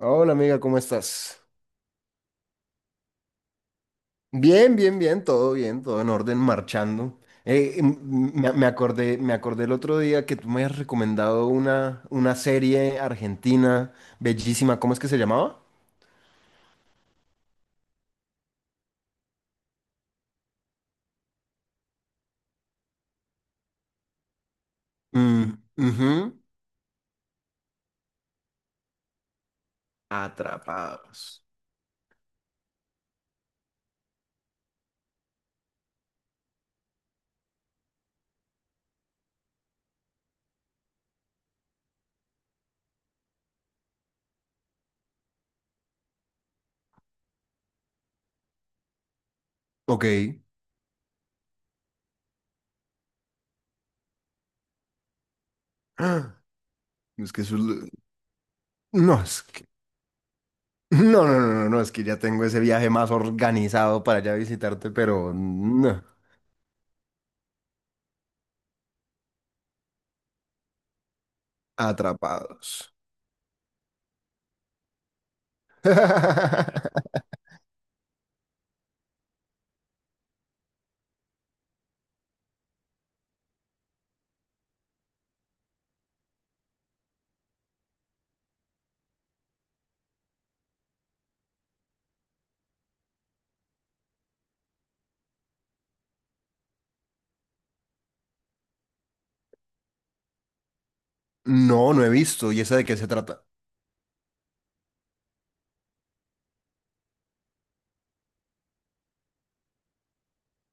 Hola amiga, ¿cómo estás? Bien, bien, bien, todo en orden, marchando. Eh, m- me acordé, me acordé el otro día que tú me has recomendado una serie argentina bellísima. ¿Cómo es que se llamaba? Mm, ujú. Atrapados. Ok. Ah, Es que eso es lo- No, es que... No, no, no, no, no, es que ya tengo ese viaje más organizado para allá visitarte, pero no. Atrapados. No, no he visto. ¿Y esa de qué se trata?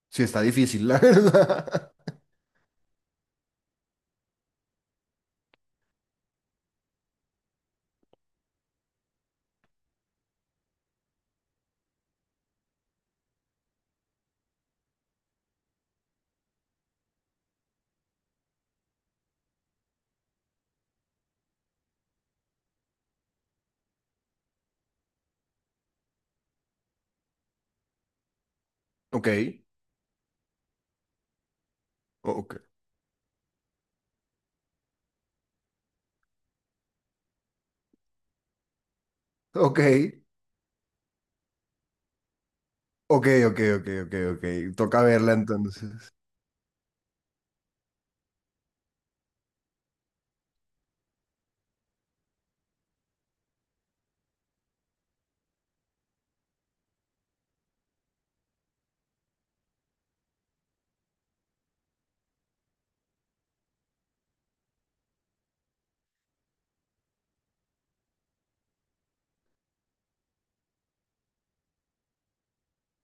Sí, está difícil, la verdad. Ok, ok, ok, ok, ok, ok, ok, ok. Toca verla entonces.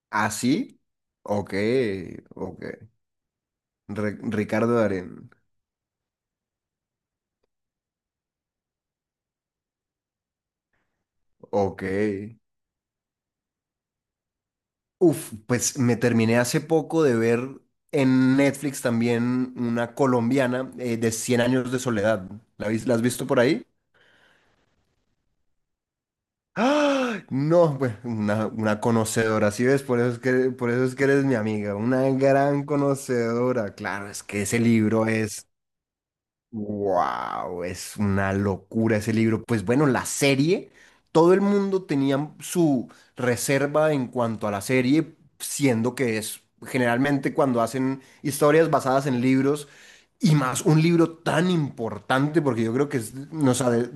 ¿Así? Ok, ok. Ricardo Darín. Ok. Uf, pues me terminé hace poco de ver en Netflix también una colombiana de Cien años de soledad. La has visto por ahí? ¡Ah! No, pues una conocedora, ¿sí ves? Por eso es que, por eso es que eres mi amiga, una gran conocedora. Claro, es que ese libro es, wow, es una locura ese libro. Pues bueno, la serie, todo el mundo tenía su reserva en cuanto a la serie, siendo que es generalmente cuando hacen historias basadas en libros. Y más un libro tan importante, porque yo creo que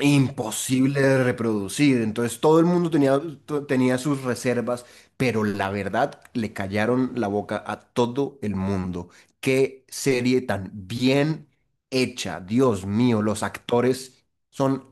imposible de reproducir. Entonces todo el mundo tenía, tenía sus reservas, pero la verdad le callaron la boca a todo el mundo. Qué serie tan bien hecha, Dios mío, los actores son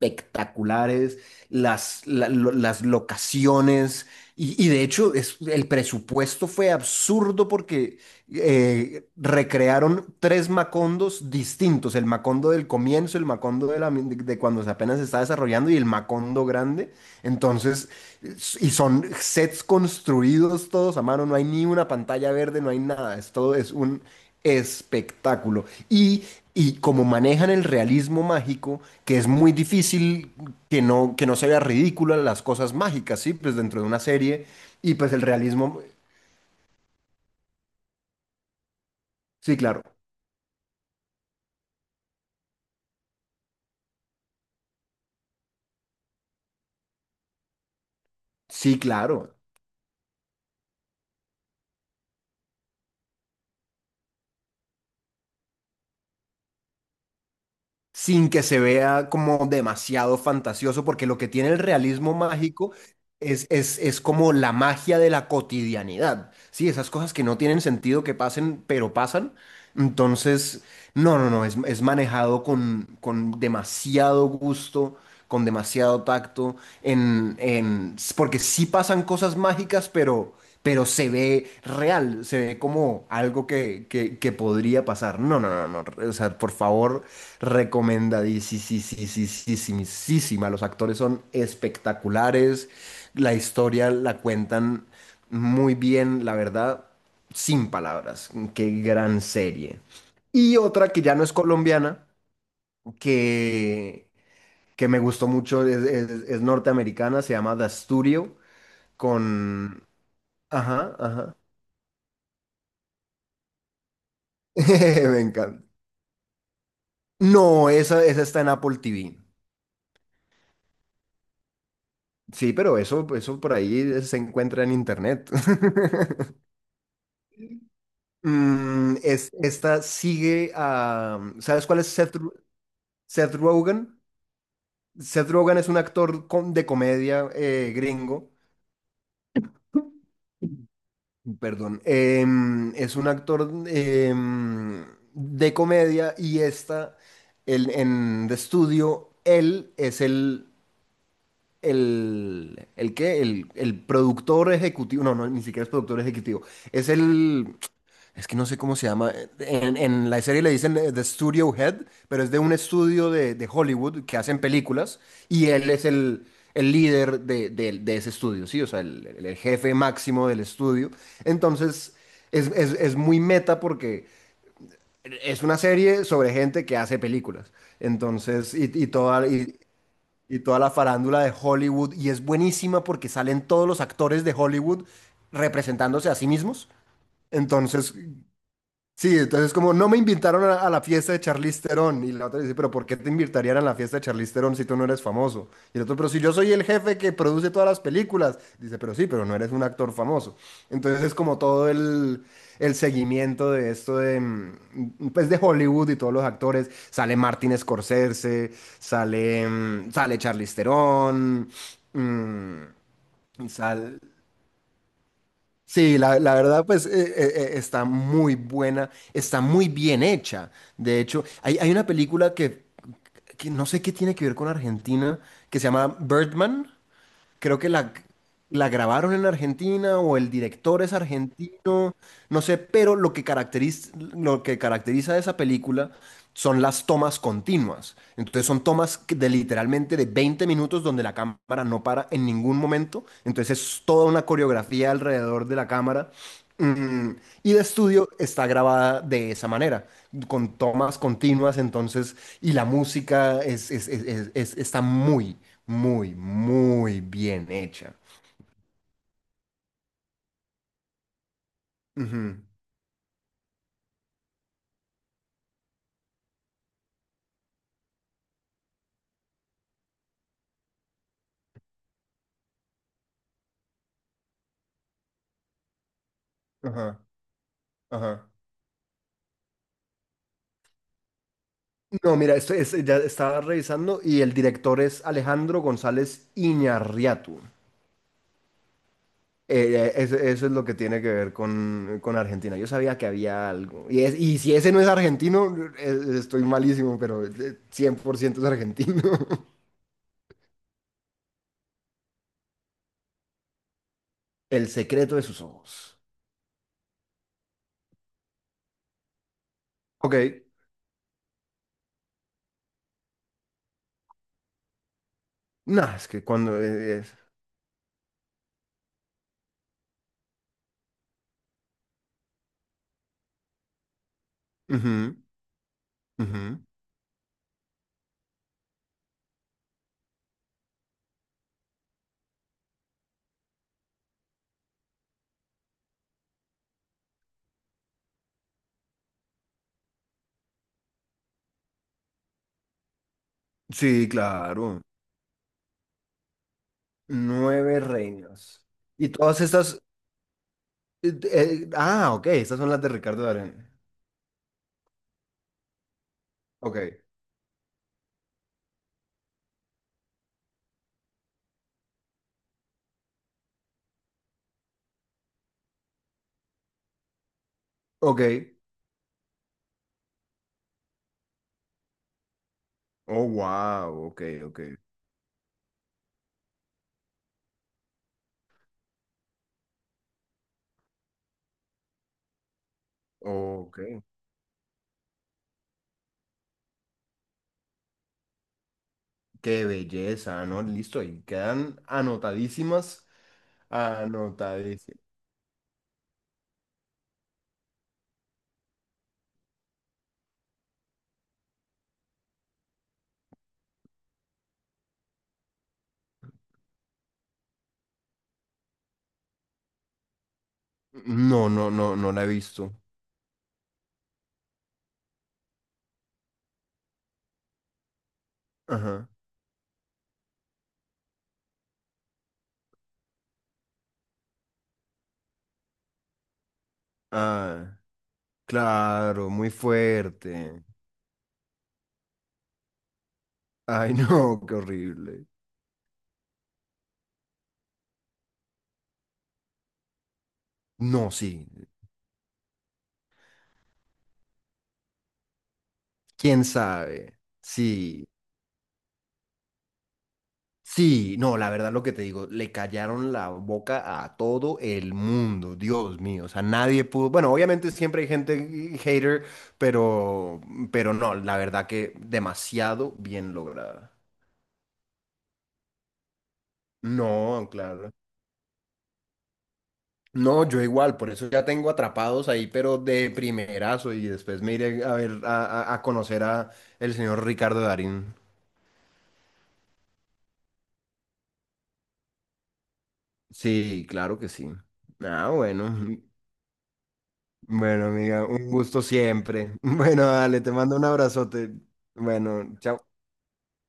espectaculares, las locaciones y de hecho es, el presupuesto fue absurdo porque recrearon tres Macondos distintos, el Macondo del comienzo, el Macondo de, la, de cuando se apenas se está desarrollando y el Macondo grande. Entonces, y son sets construidos todos a mano, no hay ni una pantalla verde, no hay nada, es todo es un espectáculo. Y como manejan el realismo mágico, que es muy difícil que no se vea ridícula las cosas mágicas, ¿sí? Pues dentro de una serie, y pues el realismo, sí, claro. Sí, claro. Sin que se vea como demasiado fantasioso, porque lo que tiene el realismo mágico es como la magia de la cotidianidad, ¿sí? Esas cosas que no tienen sentido que pasen, pero pasan. Entonces, no, no, no, es manejado con demasiado gusto, con demasiado tacto, en, porque sí pasan cosas mágicas, pero se ve real, se ve como algo que podría pasar. No, no, no, no, o sea, por favor, recomendadísima. Los actores son espectaculares. La historia la cuentan muy bien, la verdad, sin palabras. Qué gran serie. Y otra que ya no es colombiana, que, que me gustó mucho, es, es norteamericana, se llama The Studio, con... Ajá, ajá. Me encanta. No, esa está en Apple TV. Sí, pero eso por ahí se encuentra en internet. Mm, es, esta sigue a... ¿Sabes cuál es Seth, Seth Rogen? Seth Rogen es un actor de comedia gringo, perdón, es un actor de comedia y está en The Studio, él es el, ¿qué? El productor ejecutivo, no, no, ni siquiera es productor ejecutivo, es el, es que no sé cómo se llama. En la serie le dicen The Studio Head, pero es de un estudio de Hollywood que hacen películas y él es el líder de, de ese estudio, ¿sí? O sea, el, el jefe máximo del estudio. Entonces, es, es muy meta porque es una serie sobre gente que hace películas. Entonces, y toda la farándula de Hollywood. Y es buenísima porque salen todos los actores de Hollywood representándose a sí mismos. Entonces, sí, entonces como no me invitaron a la fiesta de Charlize Theron y la otra dice, pero ¿por qué te invitarían a la fiesta de Charlize Theron si tú no eres famoso? Y el otro, pero si yo soy el jefe que produce todas las películas, dice, pero sí, pero no eres un actor famoso. Entonces es como todo el seguimiento de esto de, mm, pues de Hollywood y todos los actores. Sale Martin Scorsese, sale, mm, sale Charlize Theron, mm, sal- sí, la verdad, pues está muy buena, está muy bien hecha. De hecho, hay una película que no sé qué tiene que ver con Argentina, que se llama Birdman. Creo que la grabaron en Argentina o el director es argentino, no sé, pero lo que caracteriza a esa película son las tomas continuas. Entonces son tomas que de literalmente de 20 minutos donde la cámara no para en ningún momento. Entonces es toda una coreografía alrededor de la cámara. Mm, y de estudio está grabada de esa manera, con tomas continuas, entonces, y la música es, está muy, muy, muy bien hecha. Ujú, ajá, ajá. No, mira, ya estaba revisando y el director es Alejandro González Iñarriatu. Eso, eso es lo que tiene que ver con Argentina. Yo sabía que había algo. Y, y si ese no es argentino, estoy malísimo, pero 100% es argentino. El secreto de sus ojos. Ok. Nah, es que cuando es... Ujú, ujú. Sí, claro. Nueve reinas. Y todas estas... ah, ok. Estas son las de Ricardo Darín. Ok. Ok. Oh, wow. Ok, ok. Ok. Qué belleza, ¿no? Listo. Y quedan anotadísimas. Anotadísimas. No, no, no, no la he visto. Ajá. Ah, claro. Muy fuerte. Ay, no, qué horrible. No, sí, quién sabe. Sí, sí, no, la verdad lo que te digo, le callaron la boca a todo el mundo, Dios mío, o sea, nadie pudo, bueno, obviamente siempre hay gente hater, pero, pero no, la verdad que demasiado bien lograda. No, claro. No, yo igual, por eso ya tengo atrapados ahí, pero de primerazo y después me iré a ver, a conocer a el señor Ricardo Darín. Sí, claro que sí. Ah, bueno. Bueno, amiga, un gusto siempre. Bueno, dale, te mando un abrazote. Bueno, chao.